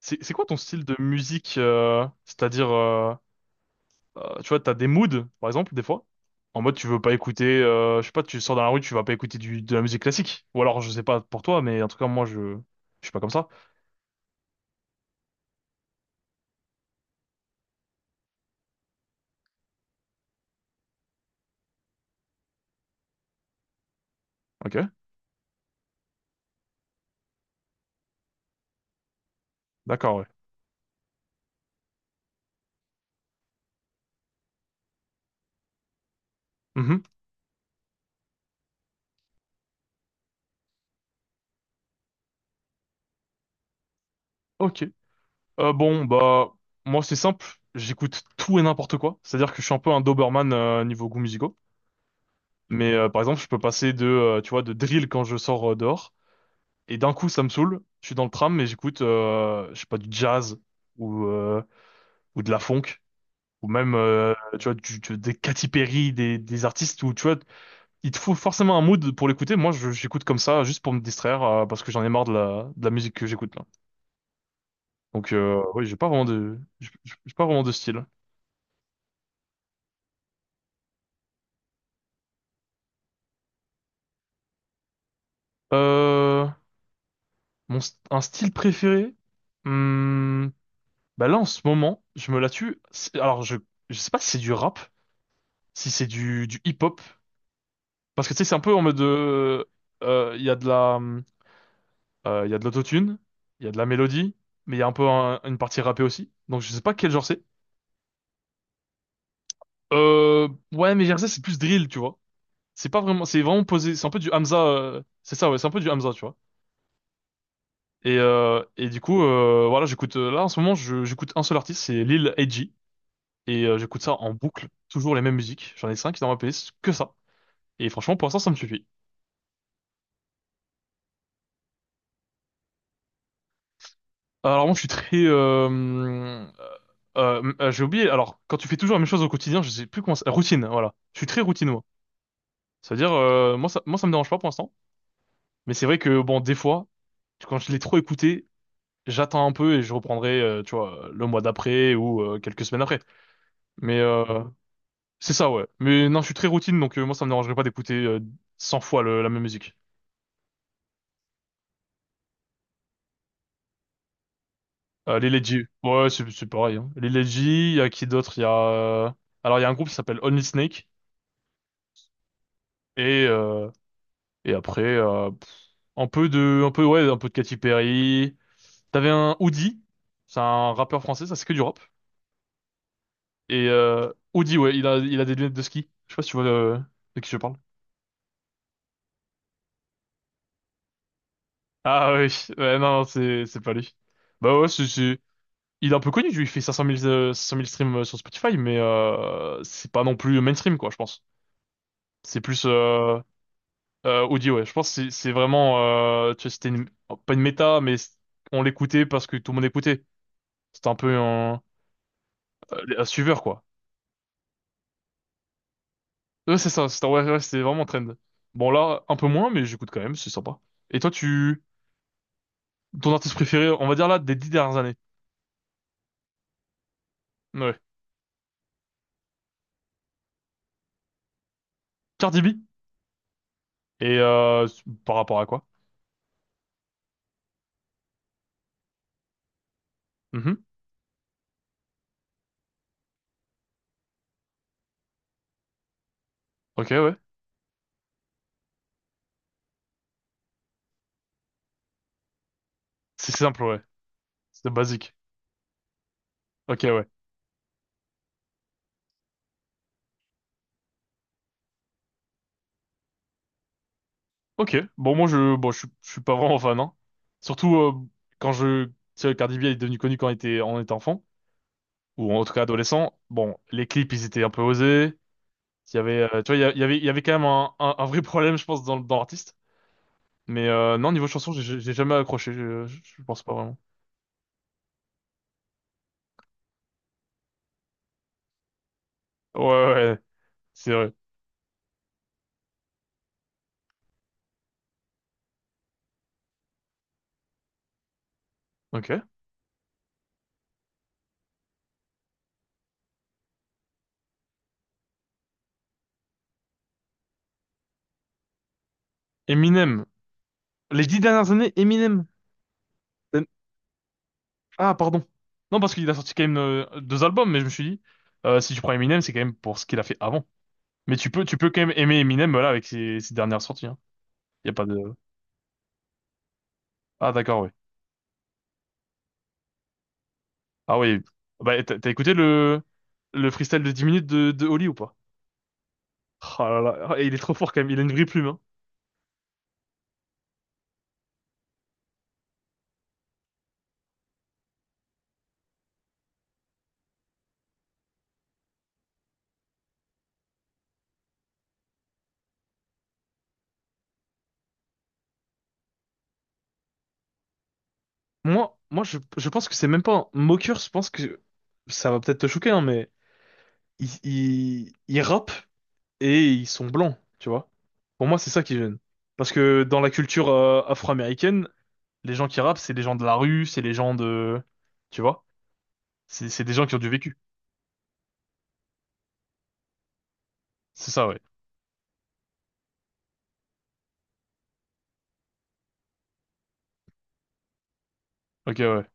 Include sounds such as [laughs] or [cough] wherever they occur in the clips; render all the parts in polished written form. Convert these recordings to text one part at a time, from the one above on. C'est quoi ton style de musique, c'est-à-dire tu vois, t'as des moods par exemple. Des fois en mode tu veux pas écouter, je sais pas, tu sors dans la rue, tu vas pas écouter de la musique classique, ou alors je sais pas pour toi, mais en tout cas moi je suis pas comme ça. Ok. D'accord, ouais. Mhm. Ok. Bon bah moi c'est simple, j'écoute tout et n'importe quoi. C'est-à-dire que je suis un peu un Doberman, niveau goût musicaux. Mais par exemple je peux passer de, tu vois, de drill quand je sors dehors. Et d'un coup, ça me saoule. Je suis dans le tram, mais j'écoute, je sais pas, du jazz ou euh, ou de la funk, ou même, tu vois, des Katy Perry, des artistes où, tu vois, il te faut forcément un mood pour l'écouter. Moi, j'écoute comme ça, juste pour me distraire, parce que j'en ai marre de la musique que j'écoute là. Donc, oui, j'ai pas vraiment de, j'ai pas vraiment de style. Euh, un style préféré. Hmm, bah là, en ce moment, je me la tue. Alors, je sais pas si c'est du rap, si c'est du hip-hop. Parce que tu sais, c'est un peu en mode de, il y a de la, il y a de l'autotune, il y a de la mélodie, mais il y a un peu une partie rappée aussi. Donc je sais pas quel genre c'est. Euh, ouais, mais Jersey c'est plus drill, tu vois. C'est pas vraiment, c'est vraiment posé, c'est un peu du Hamza, c'est ça, ouais, c'est un peu du Hamza, tu vois. Et du coup, voilà, j'écoute, là en ce moment, j'écoute un seul artiste, c'est Lil Edgy, et j'écoute ça en boucle, toujours les mêmes musiques. J'en ai cinq dans ma playlist, que ça. Et franchement, pour l'instant, ça me suffit. Alors moi je suis très j'ai oublié. Alors quand tu fais toujours la même chose au quotidien, je sais plus comment routine, voilà, je suis très routine moi. C'est-à-dire, moi ça me dérange pas pour l'instant, mais c'est vrai que bon, des fois, quand je l'ai trop écouté, j'attends un peu et je reprendrai, tu vois, le mois d'après ou quelques semaines après. Mais c'est ça, ouais. Mais non, je suis très routine, donc moi ça me dérangerait pas d'écouter, 100 fois la même musique. Les Ledji, ouais, c'est pareil, hein. Les Ledji, il y a qui d'autre, il y a alors il y a un groupe qui s'appelle Only Snake, et et après, un peu de, un peu, ouais, un peu de Katy Perry. T'avais un Oudi, c'est un rappeur français, ça c'est que du rap. Et Oudi, ouais, il a des lunettes de ski. Je sais pas si tu vois, de qui je parle. Ah oui, [laughs] ouais, non, non, c'est pas lui. Bah ouais, il est un peu connu, lui, il fait 500 000, 500 000 streams, sur Spotify, mais c'est pas non plus mainstream, quoi, je pense. C'est plus Oudi, ouais. Je pense que c'est vraiment, tu vois, pas une méta, mais on l'écoutait parce que tout le monde écoutait. C'était un peu un suiveur, quoi. Ouais, c'est ça, Star Wars, ouais, c'était vraiment trend. Bon, là, un peu moins, mais j'écoute quand même, c'est sympa. Et toi, tu, ton artiste préféré, on va dire là, des dix dernières années. Ouais. Cardi B. Et par rapport à quoi? Mhm. Ok, ouais. C'est simple, ouais. C'est basique. Ok, ouais. Ok. Bon, moi, je, bon, je suis je suis pas vraiment fan, hein. Surtout, quand je, tu sais, Cardi B est devenu connu quand on était enfant. Ou en tout cas adolescent. Bon, les clips, ils étaient un peu osés. Il y avait, tu vois, il y avait quand même un vrai problème, je pense, dans l'artiste. Mais non, niveau chanson, jamais accroché, je, je pense pas vraiment. Ouais, ouais, ouais, c'est vrai. Ok. Eminem. Les dix dernières années, Eminem. Euh, Ah, pardon. Non, parce qu'il a sorti quand même deux albums, mais je me suis dit, si tu prends Eminem, c'est quand même pour ce qu'il a fait avant. Mais tu peux quand même aimer Eminem, voilà, avec ses, ses dernières sorties. Hein. Y a pas de… Ah, d'accord, ouais. Ah, ouais. Bah, t'as écouté le freestyle de 10 minutes de Oli ou pas? Oh là là, et il est trop fort quand même, il a une vraie plume, hein. Moi, je pense que c'est même pas un moqueur, je pense que ça va peut-être te choquer, hein, mais ils rappent et ils sont blancs, tu vois. Pour moi, c'est ça qui gêne. Parce que dans la culture, afro-américaine, les gens qui rappent, c'est les gens de la rue, c'est les gens de… Tu vois? C'est des gens qui ont du vécu. C'est ça, ouais. Ok, ouais.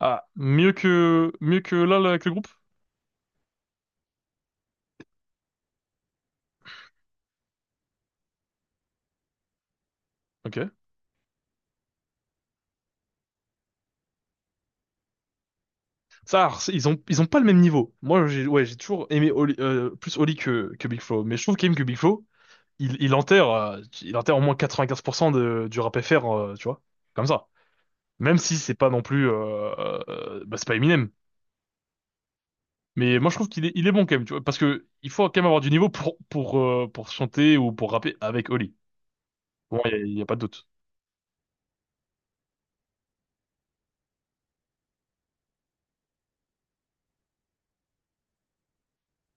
Ah, mieux que là, là, avec le groupe? Ok. Ça, alors, ils ont pas le même niveau. Moi, j'ai, ouais, j'ai toujours aimé plus Oli que Big Flo, mais je trouve quand même que Big Flo, il enterre au moins 95% de, du rap FR, tu vois, comme ça. Même si c'est pas non plus, bah, c'est pas Eminem. Mais moi je trouve qu'il est, il est bon quand même, tu vois, parce que il faut quand même avoir du niveau pour pour chanter ou pour rapper avec Oli. Bon, il y a il y a pas de doute.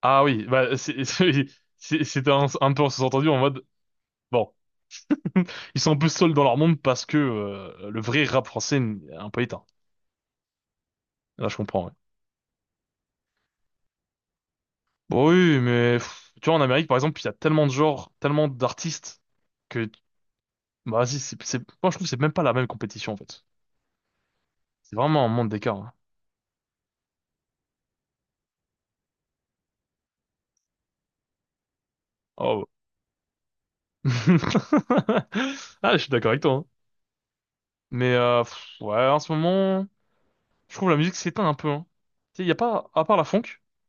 Ah oui, bah c'est [laughs] c'était un peu en sous-entendu en mode bon, ils sont un peu seuls dans leur monde, parce que le vrai rap français est un peu éteint. Là je comprends, ouais. Bon oui, mais pff, tu vois en Amérique par exemple, il y a tellement de genres, tellement d'artistes que… Bah, vas-y, moi, je trouve que c'est même pas la même compétition, en fait. C'est vraiment un monde d'écart, hein. Oh. [laughs] Ah, je suis d'accord avec toi, hein. Mais, pff, ouais, en ce moment, je trouve la musique s'éteint un peu. Hein. Tu sais, il y a pas, à part la funk,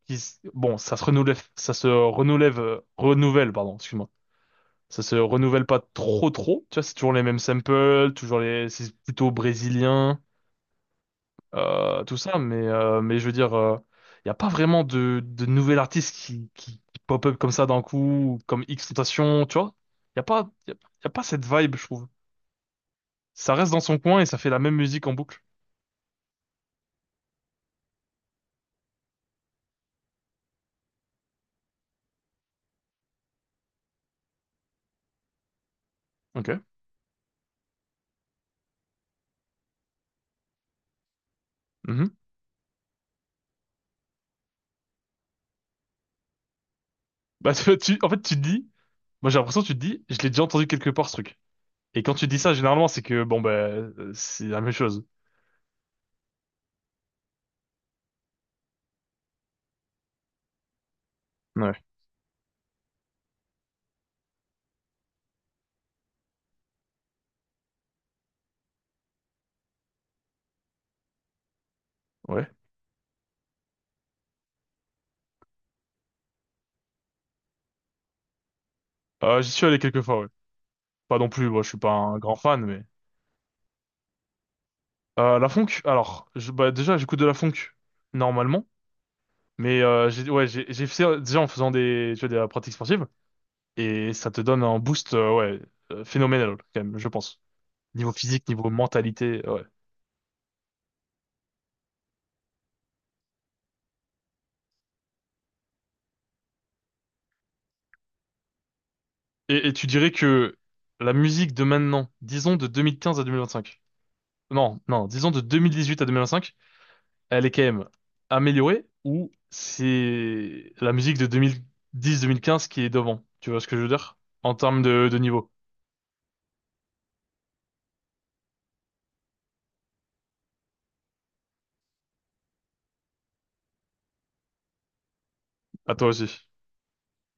bon, ça se renouvelle, renouvelle, pardon, excuse-moi. Ça se renouvelle pas trop, trop. Tu vois, c'est toujours les mêmes samples, toujours c'est plutôt brésilien. Tout ça, mais je veux dire, il n'y a pas vraiment de nouvel artiste qui, qui pop-up comme ça d'un coup, comme X-Tentation, tu vois? Il n'y a pas, y a pas cette vibe, je trouve. Ça reste dans son coin et ça fait la même musique en boucle. Ok. Mhm. Bah, en fait, tu te dis, moi j'ai l'impression que tu te dis, je l'ai déjà entendu quelque part ce truc. Et quand tu dis ça, généralement, c'est que, bon, bah, c'est la même chose. Ouais. Ouais. J'y suis allé quelques fois, ouais. Pas non plus, moi je suis pas un grand fan, mais… la funk, alors, je, bah, déjà j'écoute de la funk, normalement. Mais j'ai ouais, j'ai fait déjà en faisant des, tu vois, de la pratique sportive, et ça te donne un boost, ouais, phénoménal quand même, je pense. Niveau physique, niveau mentalité, ouais. Et tu dirais que la musique de maintenant, disons de 2015 à 2025. Non, non, disons de 2018 à 2025, elle est quand même améliorée, ou c'est la musique de 2010-2015 qui est devant. Tu vois ce que je veux dire? En termes de niveau. À toi aussi.